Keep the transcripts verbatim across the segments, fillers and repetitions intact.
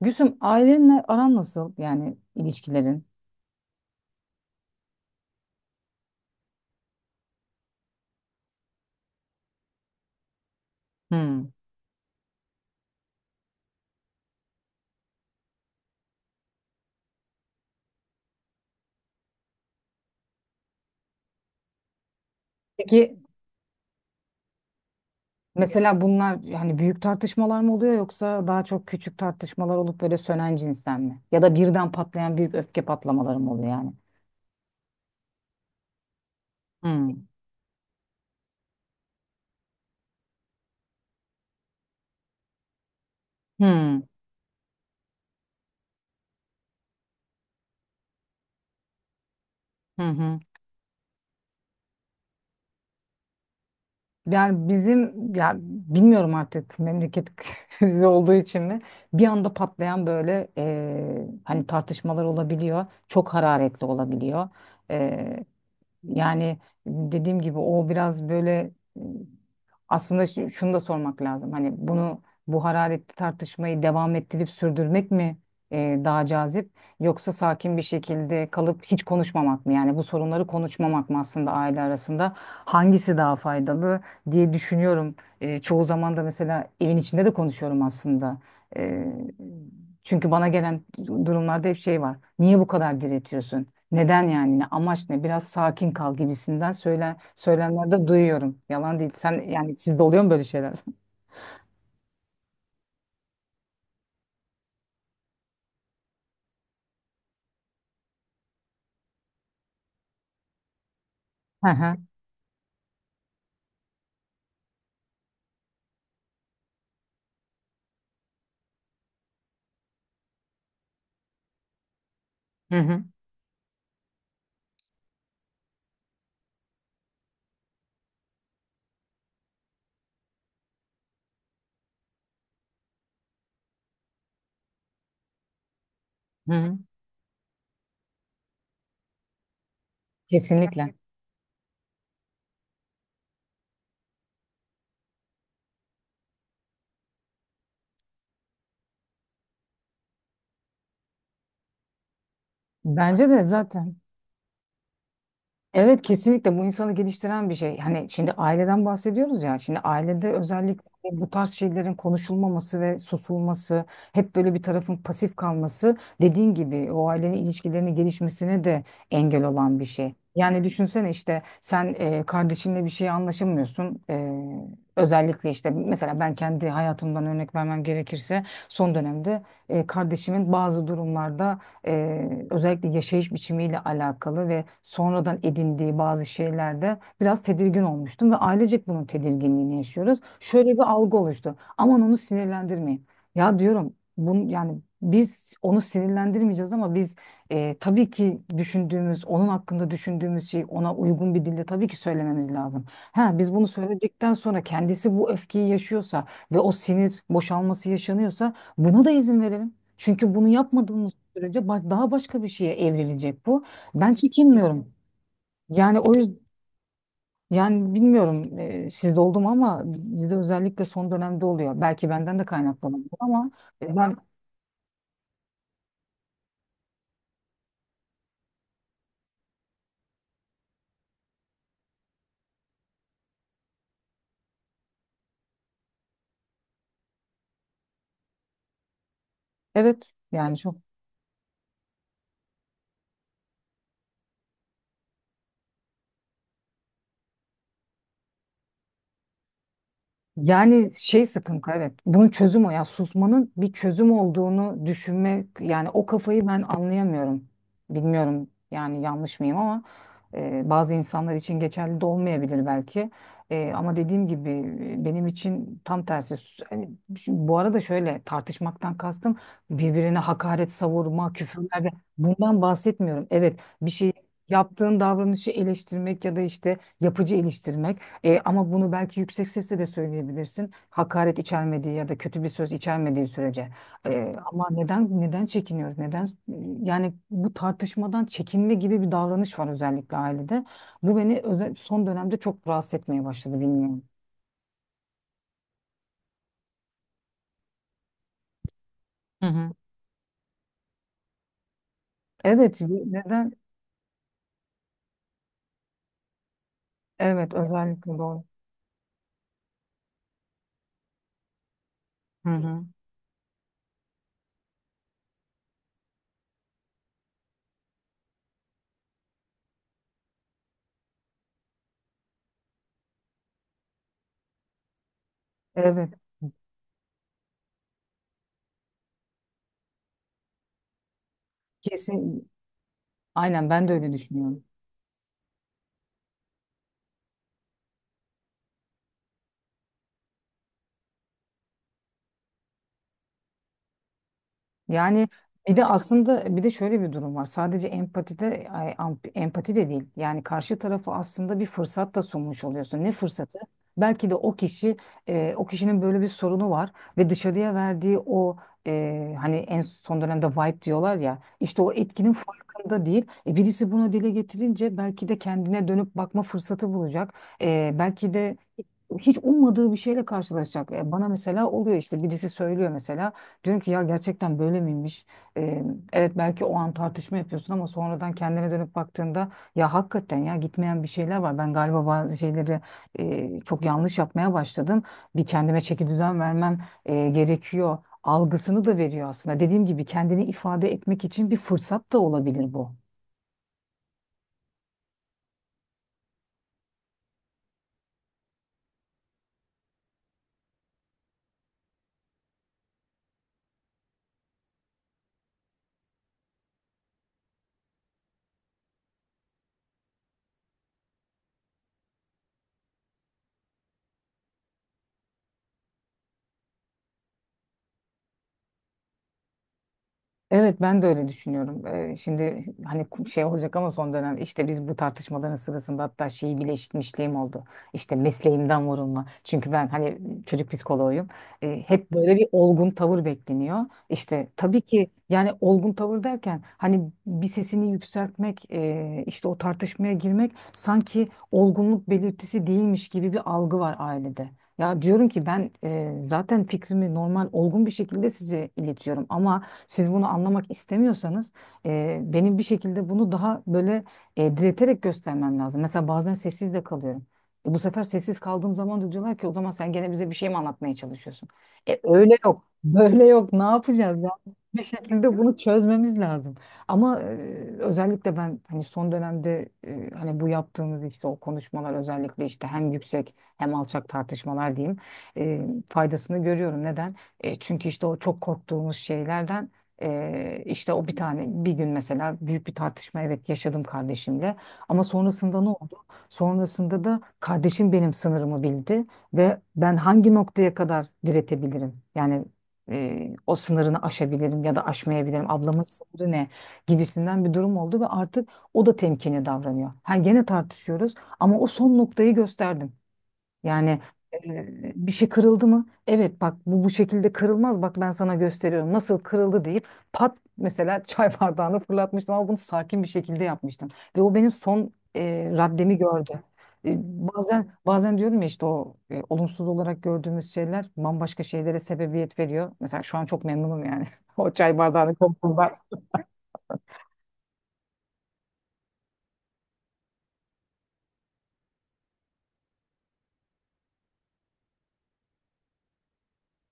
Gülsüm ailenle aran nasıl yani ilişkilerin? Hmm. Peki mesela bunlar hani büyük tartışmalar mı oluyor yoksa daha çok küçük tartışmalar olup böyle sönen cinsten mi? Ya da birden patlayan büyük öfke patlamaları mı oluyor yani? Hmm. Hmm. Hı hı. Yani bizim ya bilmiyorum artık memleket krizi olduğu için mi bir anda patlayan böyle e, hani tartışmalar olabiliyor çok hararetli olabiliyor. Yani dediğim gibi o biraz böyle e, aslında şu- şunu da sormak lazım. Hani bunu bu hararetli tartışmayı devam ettirip sürdürmek mi e, daha cazip yoksa sakin bir şekilde kalıp hiç konuşmamak mı? Yani bu sorunları konuşmamak mı aslında aile arasında? Hangisi daha faydalı diye düşünüyorum. E, çoğu zaman da mesela evin içinde de konuşuyorum aslında. E, Çünkü bana gelen durumlarda hep şey var. Niye bu kadar diretiyorsun? Neden yani? Ne amaç ne? Biraz sakin kal gibisinden söylen söylemlerde duyuyorum. Yalan değil. Sen yani sizde oluyor mu böyle şeyler? Hı hı. Hı hı. Hı hı. Kesinlikle. Bence de zaten. Evet kesinlikle bu insanı geliştiren bir şey. Hani şimdi aileden bahsediyoruz ya. Şimdi ailede özellikle bu tarz şeylerin konuşulmaması ve susulması, hep böyle bir tarafın pasif kalması dediğin gibi o ailenin ilişkilerinin gelişmesine de engel olan bir şey. Yani düşünsene işte sen e, kardeşinle bir şeye anlaşamıyorsun. E, özellikle işte mesela ben kendi hayatımdan örnek vermem gerekirse son dönemde e, kardeşimin bazı durumlarda eee, özellikle yaşayış biçimiyle alakalı ve sonradan edindiği bazı şeylerde biraz tedirgin olmuştum ve ailecek bunun tedirginliğini yaşıyoruz. Şöyle bir algı oluştu. Aman onu sinirlendirmeyin. Ya diyorum bun, yani biz onu sinirlendirmeyeceğiz ama biz eee, tabii ki düşündüğümüz, onun hakkında düşündüğümüz şey ona uygun bir dille tabii ki söylememiz lazım. Ha, biz bunu söyledikten sonra kendisi bu öfkeyi yaşıyorsa ve o sinir boşalması yaşanıyorsa buna da izin verelim. Çünkü bunu yapmadığımız sürece baş- daha başka bir şeye evrilecek bu. Ben çekinmiyorum. Yani o yüzden yani bilmiyorum e, sizde oldu mu ama bizde özellikle son dönemde oluyor. Belki benden de kaynaklanıyor ama e, ben evet yani çok. Yani şey sıkıntı evet. Bunun çözüm o ya. Susmanın bir çözüm olduğunu düşünmek yani o kafayı ben anlayamıyorum. Bilmiyorum yani yanlış mıyım ama e, bazı insanlar için geçerli de olmayabilir belki. E, ama dediğim gibi e, benim için tam tersi. Sus- hani şimdi bu arada şöyle tartışmaktan kastım birbirine hakaret savurma, küfürler bundan bahsetmiyorum. Evet bir şey yaptığın davranışı eleştirmek ya da işte yapıcı eleştirmek. E, ama bunu belki yüksek sesle de söyleyebilirsin hakaret içermediği ya da kötü bir söz içermediği sürece. E, ama neden neden çekiniyoruz neden yani bu tartışmadan çekinme gibi bir davranış var özellikle ailede bu beni özel, son dönemde çok rahatsız etmeye başladı bilmiyorum. Hı hı. Evet, bu- neden? Evet, özellikle doğru. Hı hı. Evet, kesin. Aynen ben de öyle düşünüyorum. Yani bir de aslında bir de şöyle bir durum var. Sadece empatide ay, am- empati de değil. Yani karşı tarafı aslında bir fırsat da sunmuş oluyorsun. Ne fırsatı? Belki de o kişi e, o kişinin böyle bir sorunu var ve dışarıya verdiği o e, hani en son dönemde vibe diyorlar ya işte o etkinin farkında değil. E, birisi bunu dile getirince belki de kendine dönüp bakma fırsatı bulacak. E, belki de hiç ummadığı bir şeyle karşılaşacak. E, Bana mesela oluyor işte birisi söylüyor mesela. Diyorum ki ya gerçekten böyle miymiş? Ee, evet belki o an tartışma yapıyorsun ama sonradan kendine dönüp baktığında ya hakikaten ya gitmeyen bir şeyler var. Ben galiba bazı şeyleri e, çok yanlış yapmaya başladım. Bir kendime çeki düzen vermem e, gerekiyor. Algısını da veriyor aslında. Dediğim gibi kendini ifade etmek için bir fırsat da olabilir bu. Evet ben de öyle düşünüyorum. Ee, şimdi hani ku- şey olacak ama son dönem işte biz bu tartışmaların sırasında hatta şeyi bile işitmişliğim oldu. İşte mesleğimden vurulma. Çünkü ben hani çocuk psikoloğuyum. Ee, hep böyle bir olgun tavır bekleniyor. İşte tabii ki yani olgun tavır derken hani bir sesini yükseltmek, e, işte o tartışmaya girmek sanki olgunluk belirtisi değilmiş gibi bir algı var ailede. Ya diyorum ki ben e, zaten fikrimi normal olgun bir şekilde size iletiyorum ama siz bunu anlamak istemiyorsanız e, benim bir şekilde bunu daha böyle e, direterek göstermem lazım. Mesela bazen sessiz de kalıyorum. E, bu sefer sessiz kaldığım zaman da diyorlar ki o zaman sen gene bize bir şey mi anlatmaya çalışıyorsun? E, öyle yok, böyle yok. Ne yapacağız ya? Bir şekilde bunu çözmemiz lazım. Ama e, özellikle ben hani son dönemde e, hani bu yaptığımız işte o konuşmalar özellikle işte hem yüksek hem alçak tartışmalar diyeyim e, faydasını görüyorum. Neden? E, çünkü işte o çok korktuğumuz şeylerden ee, işte o bir tane bir gün mesela büyük bir tartışma evet yaşadım kardeşimle ama sonrasında ne oldu? Sonrasında da kardeşim benim sınırımı bildi ve ben hangi noktaya kadar diretebilirim? Yani e, o sınırını aşabilirim ya da aşmayabilirim. Ablamın sınırı ne gibisinden bir durum oldu ve artık o da temkinli davranıyor. Ha gene tartışıyoruz ama o son noktayı gösterdim. Yani e, bir şey kırıldı mı? Evet bak bu bu şekilde kırılmaz. Bak ben sana gösteriyorum. Nasıl kırıldı deyip pat mesela çay bardağını fırlatmıştım ama bunu sakin bir şekilde yapmıştım. Ve o benim son e, raddemi gördü. E, bazen bazen diyorum ya işte o e, olumsuz olarak gördüğümüz şeyler bambaşka şeylere sebebiyet veriyor. Mesela şu an çok memnunum yani. O çay bardağını koyduğumda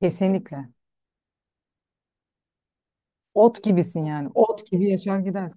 kesinlikle. Ot gibisin yani. Ot gibi yaşar gider.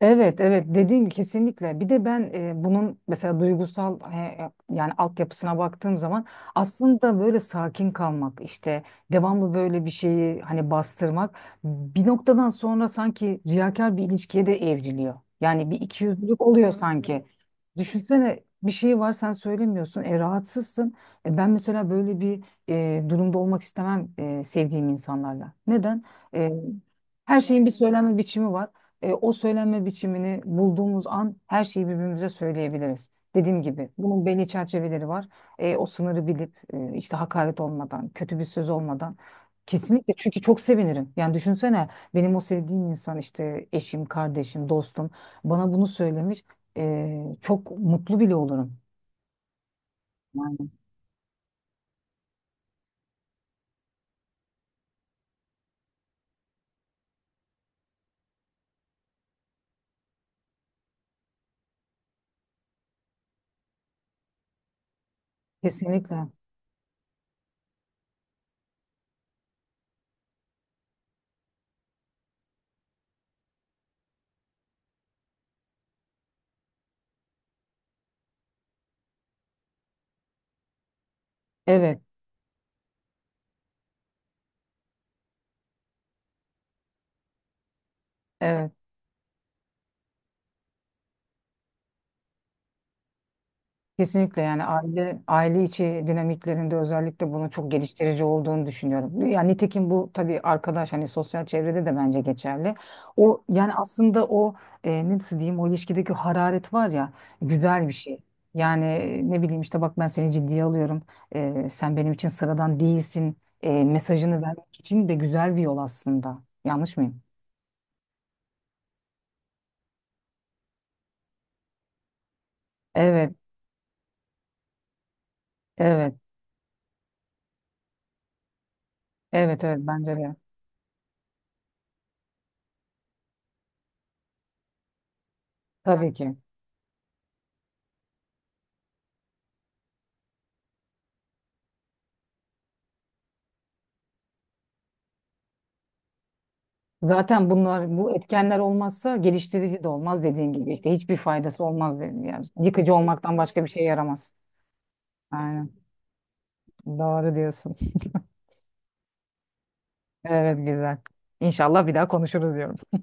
Evet evet dediğin gibi kesinlikle bir de ben e, bunun mesela duygusal e, yani altyapısına baktığım zaman aslında böyle sakin kalmak işte devamlı böyle bir şeyi hani bastırmak bir noktadan sonra sanki riyakar bir ilişkiye de evriliyor. Yani bir ikiyüzlülük oluyor sanki. Düşünsene bir şey var sen söylemiyorsun e, rahatsızsın. E, ben mesela böyle bir e, durumda olmak istemem e, sevdiğim insanlarla. Neden? Her şeyin bir söylenme biçimi var. E, o söylenme biçimini bulduğumuz an her şeyi birbirimize söyleyebiliriz. Dediğim gibi bunun belli çerçeveleri var. E, o sınırı bilip e, işte hakaret olmadan, kötü bir söz olmadan kesinlikle çünkü çok sevinirim. Yani düşünsene benim o sevdiğim insan işte eşim, kardeşim, dostum bana bunu söylemiş. E, çok mutlu bile olurum. Yani kesinlikle. Evet, evet. Kesinlikle yani aile aile içi dinamiklerinde özellikle bunun çok geliştirici olduğunu düşünüyorum. Yani nitekim bu tabii arkadaş hani sosyal çevrede de bence geçerli. O yani aslında o e, nasıl diyeyim o ilişkideki hararet var ya güzel bir şey. Yani e, ne bileyim işte bak ben seni ciddiye alıyorum. E, sen benim için sıradan değilsin. E, mesajını vermek için de güzel bir yol aslında. Yanlış mıyım? Evet, evet, evet, evet bence de. Tabii ki. Zaten bunlar bu etkenler olmazsa geliştirici de olmaz dediğin gibi işte hiçbir faydası olmaz dedim yani. Yıkıcı olmaktan başka bir şey yaramaz. Aynen. Doğru diyorsun. Evet güzel. İnşallah bir daha konuşuruz diyorum.